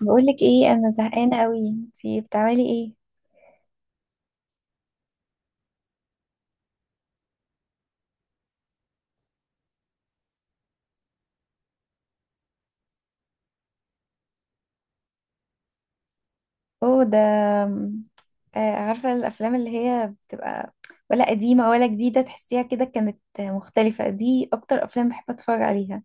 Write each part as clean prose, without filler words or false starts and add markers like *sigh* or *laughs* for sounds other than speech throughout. بقولك ايه، انا زهقانه قوي. انتي بتعملي ايه؟ اوه ده. آم، عارفه الافلام اللي هي بتبقى ولا قديمه ولا جديده، تحسيها كده كانت مختلفه؟ دي اكتر افلام بحب اتفرج عليها.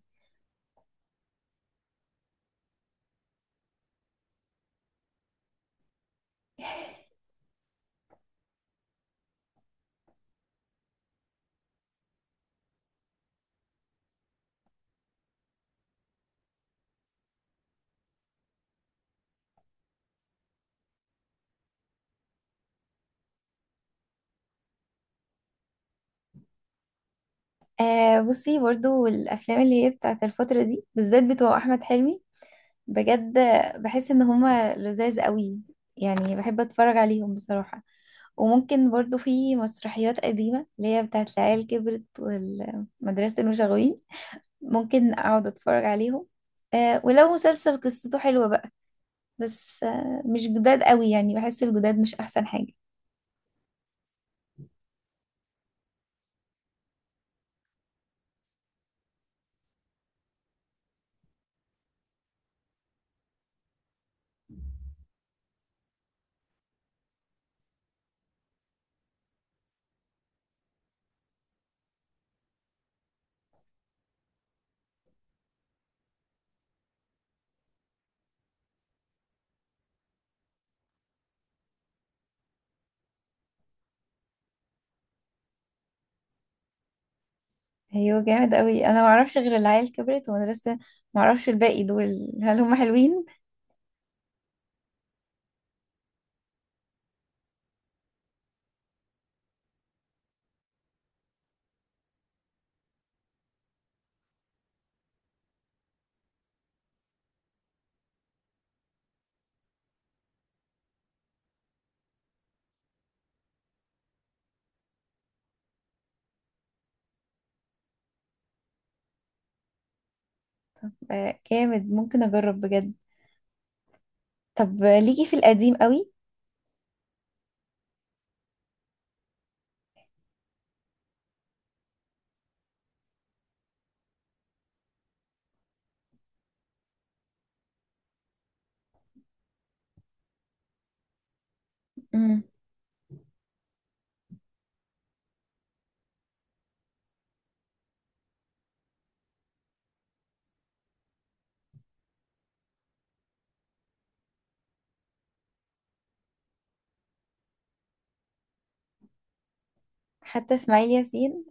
آه، بصي، برضو الافلام اللي هي بتاعت الفتره دي بالذات بتوع احمد حلمي، بجد بحس ان هما لذاذ قوي، يعني بحب اتفرج عليهم بصراحه. وممكن برضو في مسرحيات قديمه اللي هي بتاعت العيال كبرت والمدرسه المشاغبين، ممكن اقعد اتفرج عليهم. آه، ولو مسلسل قصته حلوة بقى، بس آه مش جداد قوي، يعني بحس الجداد مش احسن حاجة. ايوه جامد قوي، انا ما اعرفش غير العيال كبرت ومدرسة، ما اعرفش الباقي دول هل هم حلوين. آه جامد، ممكن اجرب بجد. طب ليكي في القديم قوي؟ امم. حتى اسماعيل ياسين.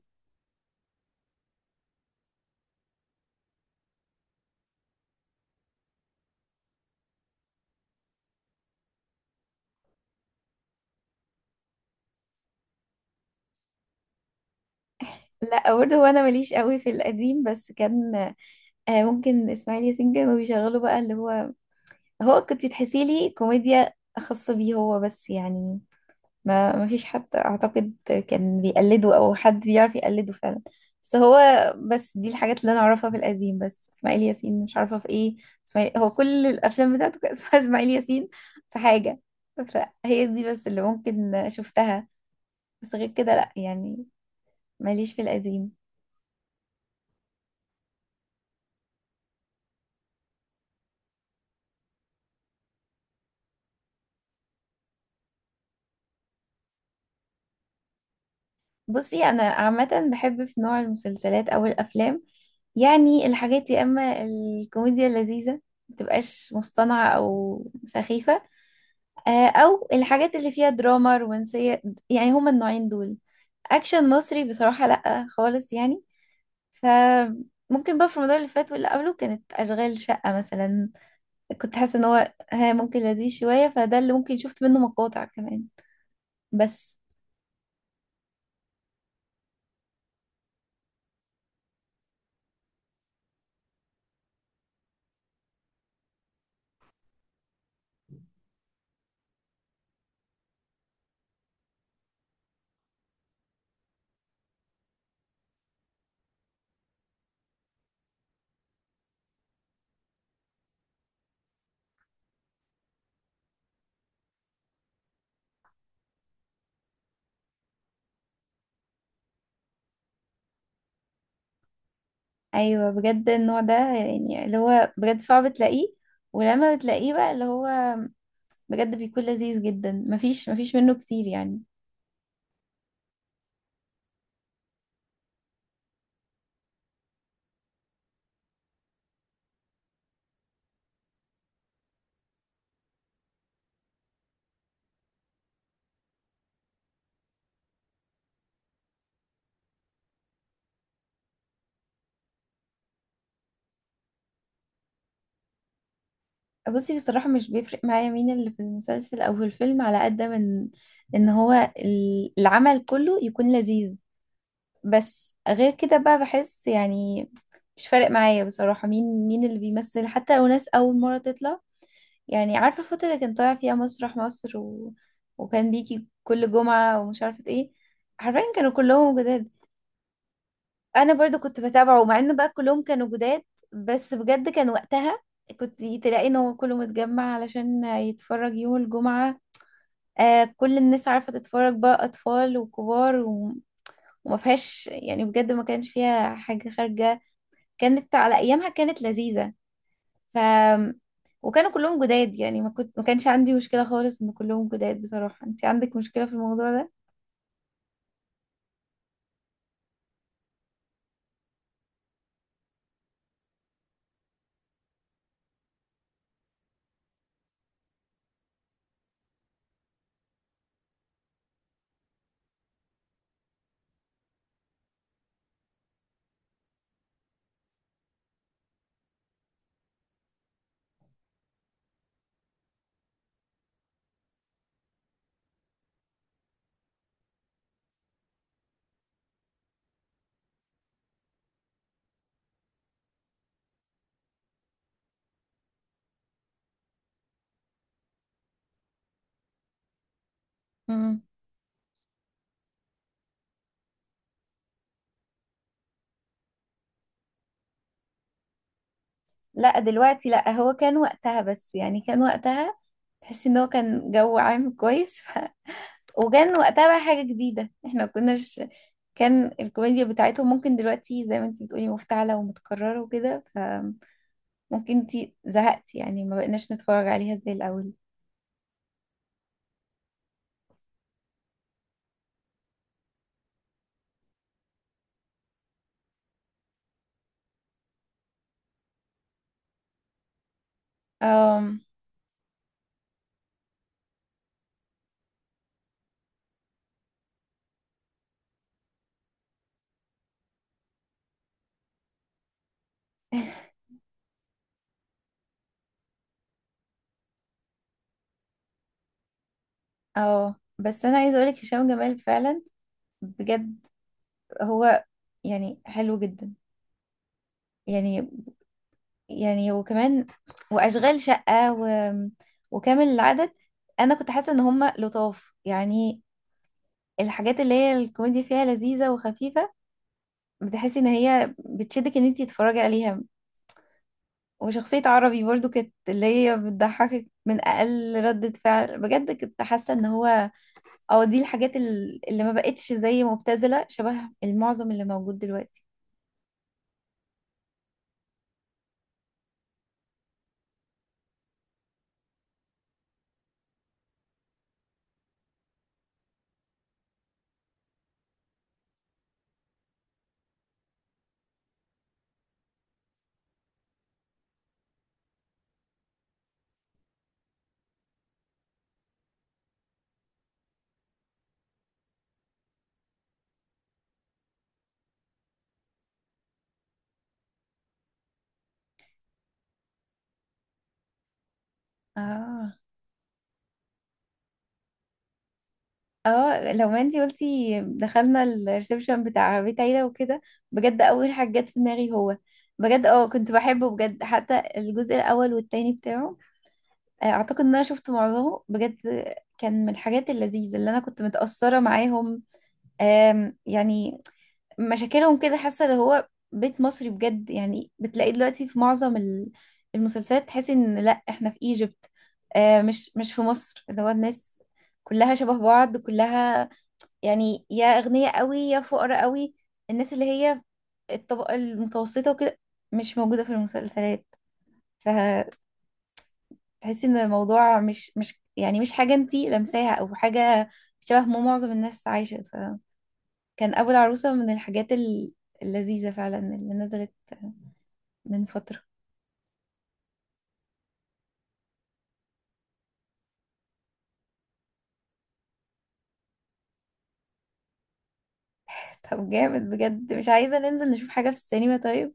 لا برضه، هو انا ماليش قوي في القديم، بس كان آه ممكن اسماعيل ياسين كانوا بيشغلوا بقى اللي هو، هو كنت تحسي لي كوميديا خاصة بيه هو بس، يعني ما فيش حد اعتقد كان بيقلده او حد بيعرف يقلده فعلا. بس هو، بس دي الحاجات اللي انا اعرفها في القديم، بس اسماعيل ياسين مش عارفه في ايه. اسماعيل هو كل الافلام بتاعته كان اسمها *laughs* اسماعيل ياسين في حاجه. فهي دي بس اللي ممكن شفتها، بس غير كده لا يعني، ماليش في القديم. بصي انا عامه بحب في نوع المسلسلات او الافلام، يعني الحاجات يا اما الكوميديا اللذيذه، متبقاش مصطنعه او سخيفه، او الحاجات اللي فيها دراما رومانسية، يعني هما النوعين دول. اكشن مصري بصراحة لا خالص يعني. فممكن بقى في رمضان اللي فات واللي قبله كانت اشغال شقة مثلا، كنت حاسة ان هو ها ممكن لذيذ شوية، فده اللي ممكن شفت منه مقاطع كمان بس. ايوه بجد النوع ده يعني اللي هو بجد صعب تلاقيه، ولما بتلاقيه بقى اللي هو بجد بيكون لذيذ جدا. مفيش منه كتير يعني. بصي بصراحة مش بيفرق معايا مين اللي في المسلسل أو في الفيلم، على قد من إن هو العمل كله يكون لذيذ. بس غير كده بقى بحس يعني مش فارق معايا بصراحة مين اللي بيمثل، حتى لو ناس أول مرة تطلع. يعني عارفة الفترة اللي كان طالع فيها مسرح مصر وكان بيجي كل جمعة ومش عارفة إيه؟ حرفيا كانوا كلهم جداد. انا برضو كنت بتابعه مع انه بقى كلهم كانوا جداد، بس بجد كان وقتها كنت تلاقي ان هو كله متجمع علشان يتفرج يوم الجمعة. آه، كل الناس عارفة تتفرج بقى، اطفال وكبار وما فيهاش يعني، بجد ما كانش فيها حاجة خارجة، كانت على ايامها كانت لذيذة. ف وكانوا كلهم جداد، يعني ما كانش عندي مشكلة خالص ان كلهم جداد. بصراحة انت عندك مشكلة في الموضوع ده؟ لا دلوقتي لا، هو كان وقتها، بس يعني كان وقتها تحس ان هو كان جو عام كويس *laughs* وكان وقتها بقى حاجة جديدة احنا ما كناش، كان الكوميديا بتاعتهم ممكن دلوقتي زي ما انت بتقولي مفتعلة ومتكررة وكده، فممكن انت زهقتي، يعني ما بقناش نتفرج عليها زي الأول. أم... *laughs* اه بس انا عايزه اقولك هشام جمال فعلا بجد هو، يعني حلو جدا يعني، يعني وكمان واشغال شقه وكامل العدد، انا كنت حاسه ان هم لطاف يعني. الحاجات اللي هي الكوميديا فيها لذيذه وخفيفه، بتحسي ان هي بتشدك ان انتي تتفرجي عليها. وشخصيه عربي برضو كانت اللي هي بتضحكك من اقل ردة فعل، بجد كنت حاسه ان هو اه دي الحاجات اللي ما بقتش زي مبتذله شبه المعظم اللي موجود دلوقتي. اه. اه لو ما انتي قلتي دخلنا الريسبشن بتاع بيت عيلة وكده، بجد اول حاجة جت في دماغي هو بجد اه، كنت بحبه بجد، حتى الجزء الاول والتاني بتاعه. اعتقد ان انا شفت معظمه بجد، كان من الحاجات اللذيذة اللي انا كنت متأثرة معاهم. يعني مشاكلهم كده حاسة اللي هو بيت مصري بجد، يعني بتلاقيه دلوقتي في معظم المسلسلات تحسي ان لا احنا في ايجيبت، مش في مصر. اللي هو الناس كلها شبه بعض كلها، يعني يا أغنياء قوي يا فقراء قوي. الناس اللي هي الطبقة المتوسطة وكده مش موجودة في المسلسلات، فتحسي ان الموضوع مش يعني مش حاجة انتي لمساها او حاجة شبه ما معظم الناس عايشة. فكان أبو العروسة من الحاجات اللذيذة فعلا اللي نزلت من فترة. *laughs* طب جامد بجد، مش عايزة ننزل نشوف حاجة في السينما؟ طيب،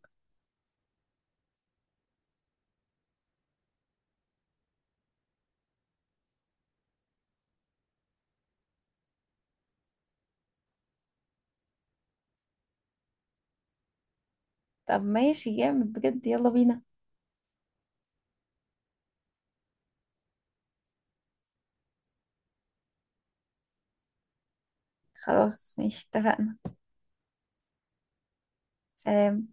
طب ماشي جامد بجد، يلا بينا. خلاص ماشي اتفقنا. سلام.